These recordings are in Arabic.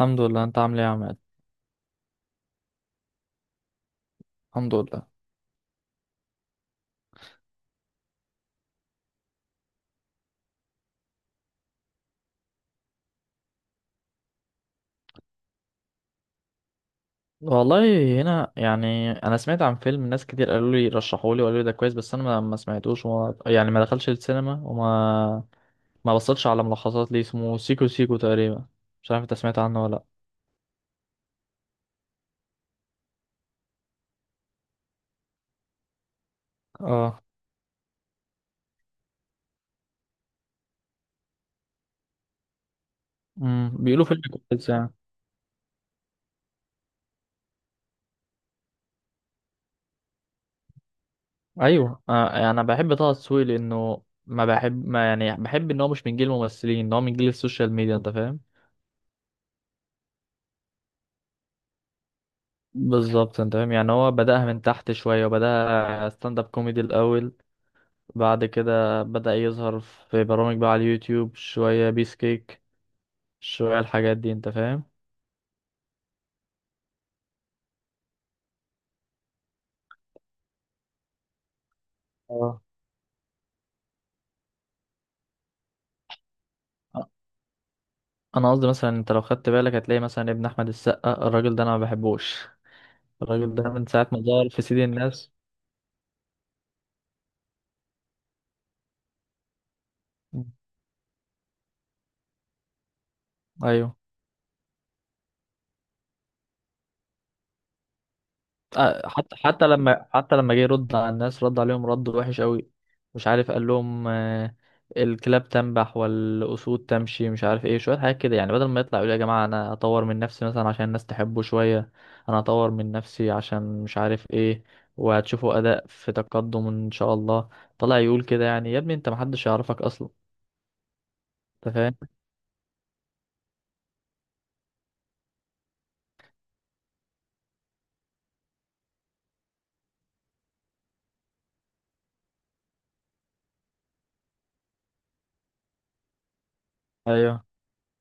الحمد لله. انت عامل ايه يا عماد؟ الحمد لله والله. هنا يعني انا سمعت عن فيلم، ناس كتير قالوا لي، رشحوا لي وقالوا لي ده كويس، بس انا ما سمعتوش، وما يعني ما دخلش السينما، وما ما بصيتش على ملخصات ليه، اسمه سيكو سيكو تقريبا. مش عارف انت سمعت عنه ولا لا. اه، بيقولوا فيلم كويس يعني. ايوه آه، يعني انا بحب طه دسوقي لانه ما بحب ما يعني بحب ان هو مش من جيل الممثلين، ان هو من جيل السوشيال ميديا. انت فاهم؟ بالظبط. انت فاهم؟ يعني هو بدأها من تحت شويه، وبدأها ستاند اب كوميدي الاول. بعد كده بدأ يظهر في برامج بقى، على اليوتيوب شوية، بيس كيك شوية، الحاجات دي. انت فاهم؟ اه. انا قصدي مثلا انت لو خدت بالك هتلاقي مثلا ابن احمد السقا، الراجل ده انا ما بحبوش. الراجل ده من ساعة ما ظهر في سيدي الناس. مم. ايوه. آه، حتى لما جه يرد على الناس، رد عليهم رد وحش قوي. مش عارف قال لهم، الكلاب تنبح والأسود تمشي، مش عارف ايه، شوية حاجات كده يعني. بدل ما يطلع يقول يا جماعة، انا اطور من نفسي مثلا عشان الناس تحبه شوية، انا اطور من نفسي عشان مش عارف ايه، وهتشوفوا اداء في تقدم ان شاء الله. طلع يقول كده، يعني يا ابني انت محدش يعرفك اصلا. انت فاهم؟ ايوه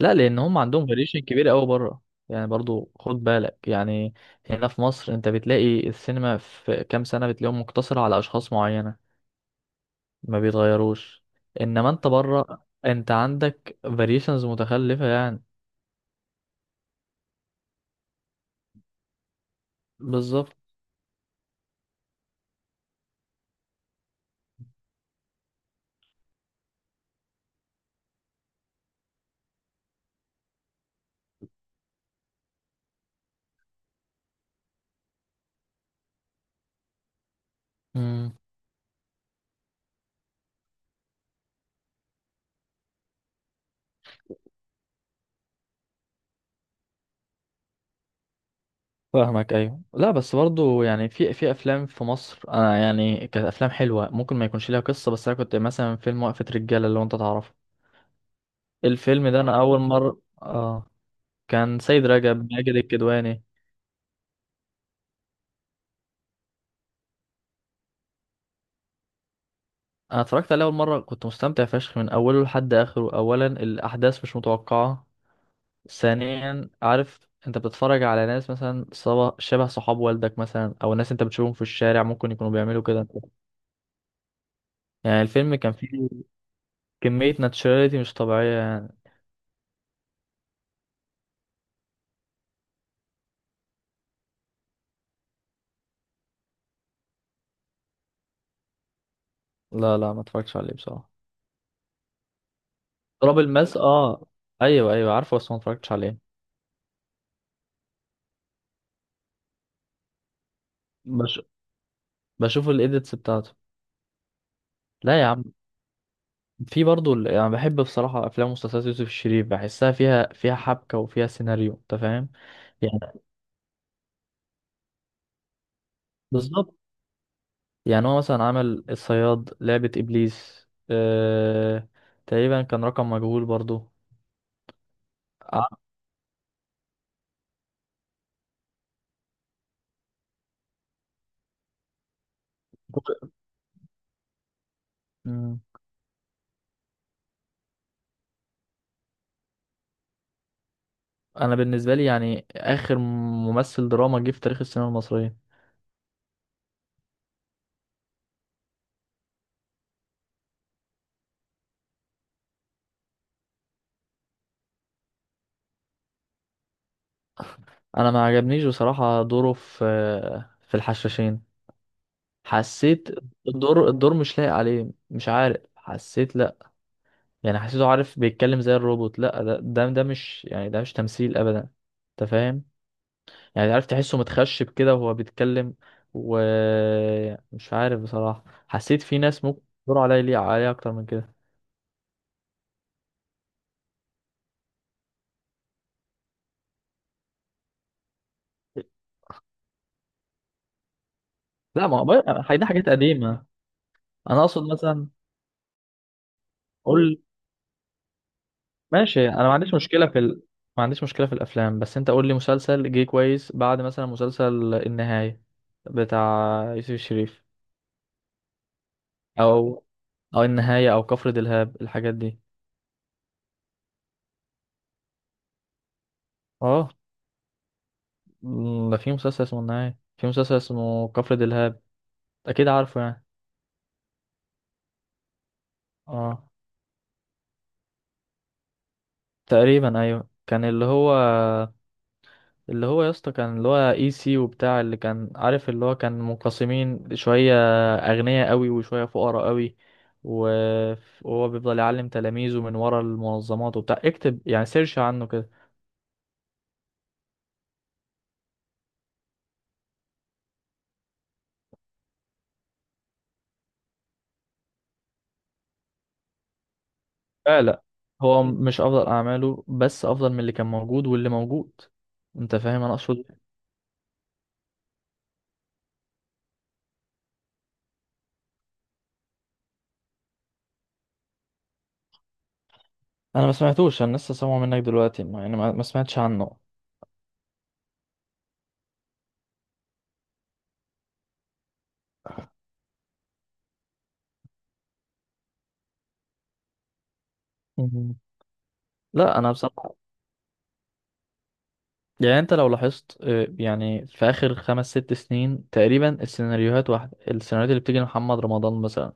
لا، لان هم عندهم فاريشن كبير قوي بره. يعني برضو خد بالك، يعني هنا في مصر انت بتلاقي السينما في كام سنه، بتلاقيهم مقتصره على اشخاص معينه، ما بيتغيروش. انما انت بره انت عندك فاريشنز متخلفه يعني. بالظبط. امم فاهمك. ايوه لا، بس برضو يعني في افلام في مصر، انا يعني كانت افلام حلوه، ممكن ما يكونش ليها قصه، بس انا كنت مثلا فيلم وقفه رجاله اللي هو انت تعرفه. الفيلم ده انا اول مره، اه، كان سيد رجب، ماجد الكدواني. انا اتفرجت عليه اول مره، كنت مستمتع فشخ من اوله لحد اخره. اولا، الاحداث مش متوقعه. ثانيا، عارف انت بتتفرج على ناس مثلا شبه صحاب والدك مثلا، او ناس انت بتشوفهم في الشارع ممكن يكونوا بيعملوا كده، يعني الفيلم كان فيه كميه ناتشراليتي مش طبيعيه يعني. لا لا، ما اتفرجتش عليه بصراحه. تراب الماس، اه، ايوه ايوه عارفه، بس ما اتفرجتش عليه. بش... بشوف الايديتس بتاعته. لا يا عم، في برضه يعني بحب بصراحه افلام ومسلسلات يوسف الشريف، بحسها فيها حبكه وفيها سيناريو. انت فاهم؟ يعني بالظبط. يعني هو مثلا عمل الصياد، لعبة إبليس، تقريبا كان رقم مجهول برضو. ع- مم. أنا بالنسبة لي يعني آخر ممثل دراما جه في تاريخ السينما المصرية. أنا ما عجبنيش بصراحة دوره في الحشاشين، حسيت الدور مش لايق عليه، مش عارف، حسيت لأ. يعني حسيته، عارف بيتكلم زي الروبوت، لأ ده مش يعني، ده مش تمثيل أبدا. أنت فاهم؟ يعني عارف تحسه متخشب كده وهو بيتكلم. ومش عارف بصراحة حسيت في ناس ممكن يدوروا عليا ليه، عليا أكتر من كده. لا، ما هو هي دي حاجات قديمة. أنا أقصد مثلا، قول. ماشي، أنا ما عنديش مشكلة في ال... ما عنديش مشكلة في الأفلام، بس أنت قول لي مسلسل جه كويس بعد مثلا مسلسل النهاية بتاع يوسف الشريف، أو أو النهاية أو كفر دلهاب الحاجات دي. أه، ده في مسلسل اسمه النهاية، في مسلسل اسمه كفر دلهاب، أكيد عارفه يعني. أه، تقريبا ايوه، كان اللي هو يا اسطى، كان اللي هو اي سي وبتاع، اللي كان عارف اللي هو كان منقسمين شويه اغنياء قوي، وشويه فقراء قوي، و- وهو بيفضل يعلم تلاميذه من ورا المنظمات وبتاع، اكتب يعني سيرش عنه كده. لا لا، هو مش افضل اعماله بس افضل من اللي كان موجود واللي موجود. انت فاهم انا اقصد إيه؟ انا ما سمعتوش، انا لسه سامعه منك دلوقتي، مع اني ما سمعتش عنه. مهم. لا انا بصراحه يعني، انت لو لاحظت يعني في اخر خمس ست سنين تقريبا، السيناريوهات واحده، السيناريوهات اللي بتيجي لمحمد رمضان مثلا،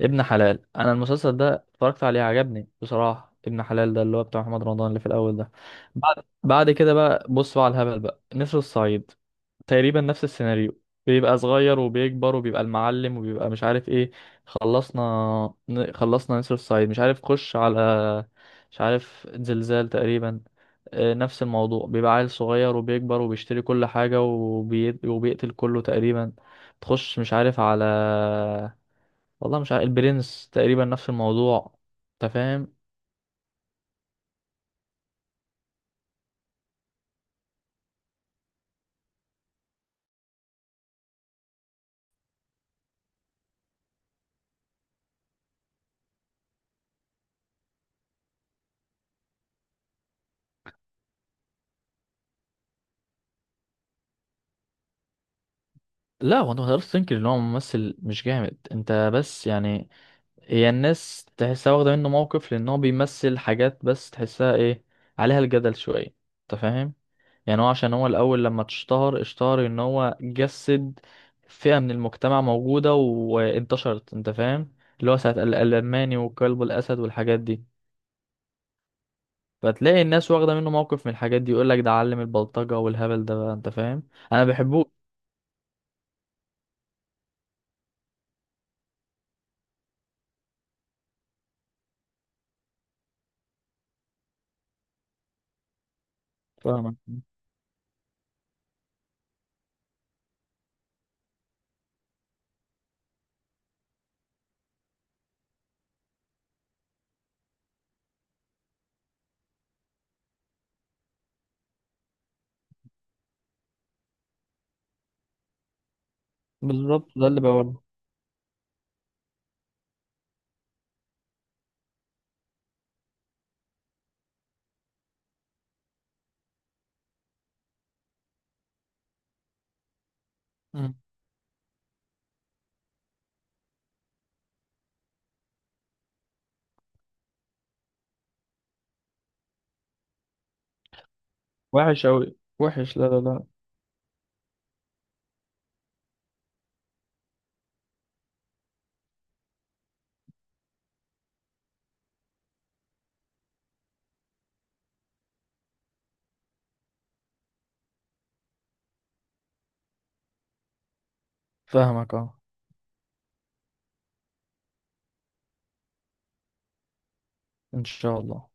ابن حلال، انا المسلسل ده اتفرجت عليه عجبني بصراحه. ابن حلال ده اللي هو بتاع محمد رمضان اللي في الاول ده، بعد كده بقى، بص بقى على الهبل، بقى نسر الصعيد تقريبا نفس السيناريو. بيبقى صغير وبيكبر وبيبقى المعلم وبيبقى مش عارف ايه. خلصنا خلصنا نسر الصعيد، مش عارف خش على، مش عارف زلزال تقريبا، نفس الموضوع. بيبقى عيل صغير وبيكبر وبيشتري كل حاجة وبيقتل كله تقريبا. تخش مش عارف على، والله مش عارف، البرنس تقريبا نفس الموضوع. انت فاهم؟ لا هو انت ما تقدرش تنكر ان هو ممثل مش جامد، انت بس يعني هي الناس تحسها واخده منه موقف، لان هو بيمثل حاجات بس تحسها ايه، عليها الجدل شويه. انت فاهم؟ يعني هو عشان هو الاول لما اتشهر، اشتهر ان هو جسد فئه من المجتمع موجوده وانتشرت. انت فاهم؟ اللي هو ساعه الالماني وكلب الاسد والحاجات دي. فتلاقي الناس واخدة منه موقف من الحاجات دي، يقول لك ده علم البلطجة والهبل ده بقى. انت فاهم؟ انا بحبوش. فاهمك. بالظبط، ده اللي بقوله. مم. وحش اوي وحش، لا لا لا. فاهمك اه. ان شاء الله.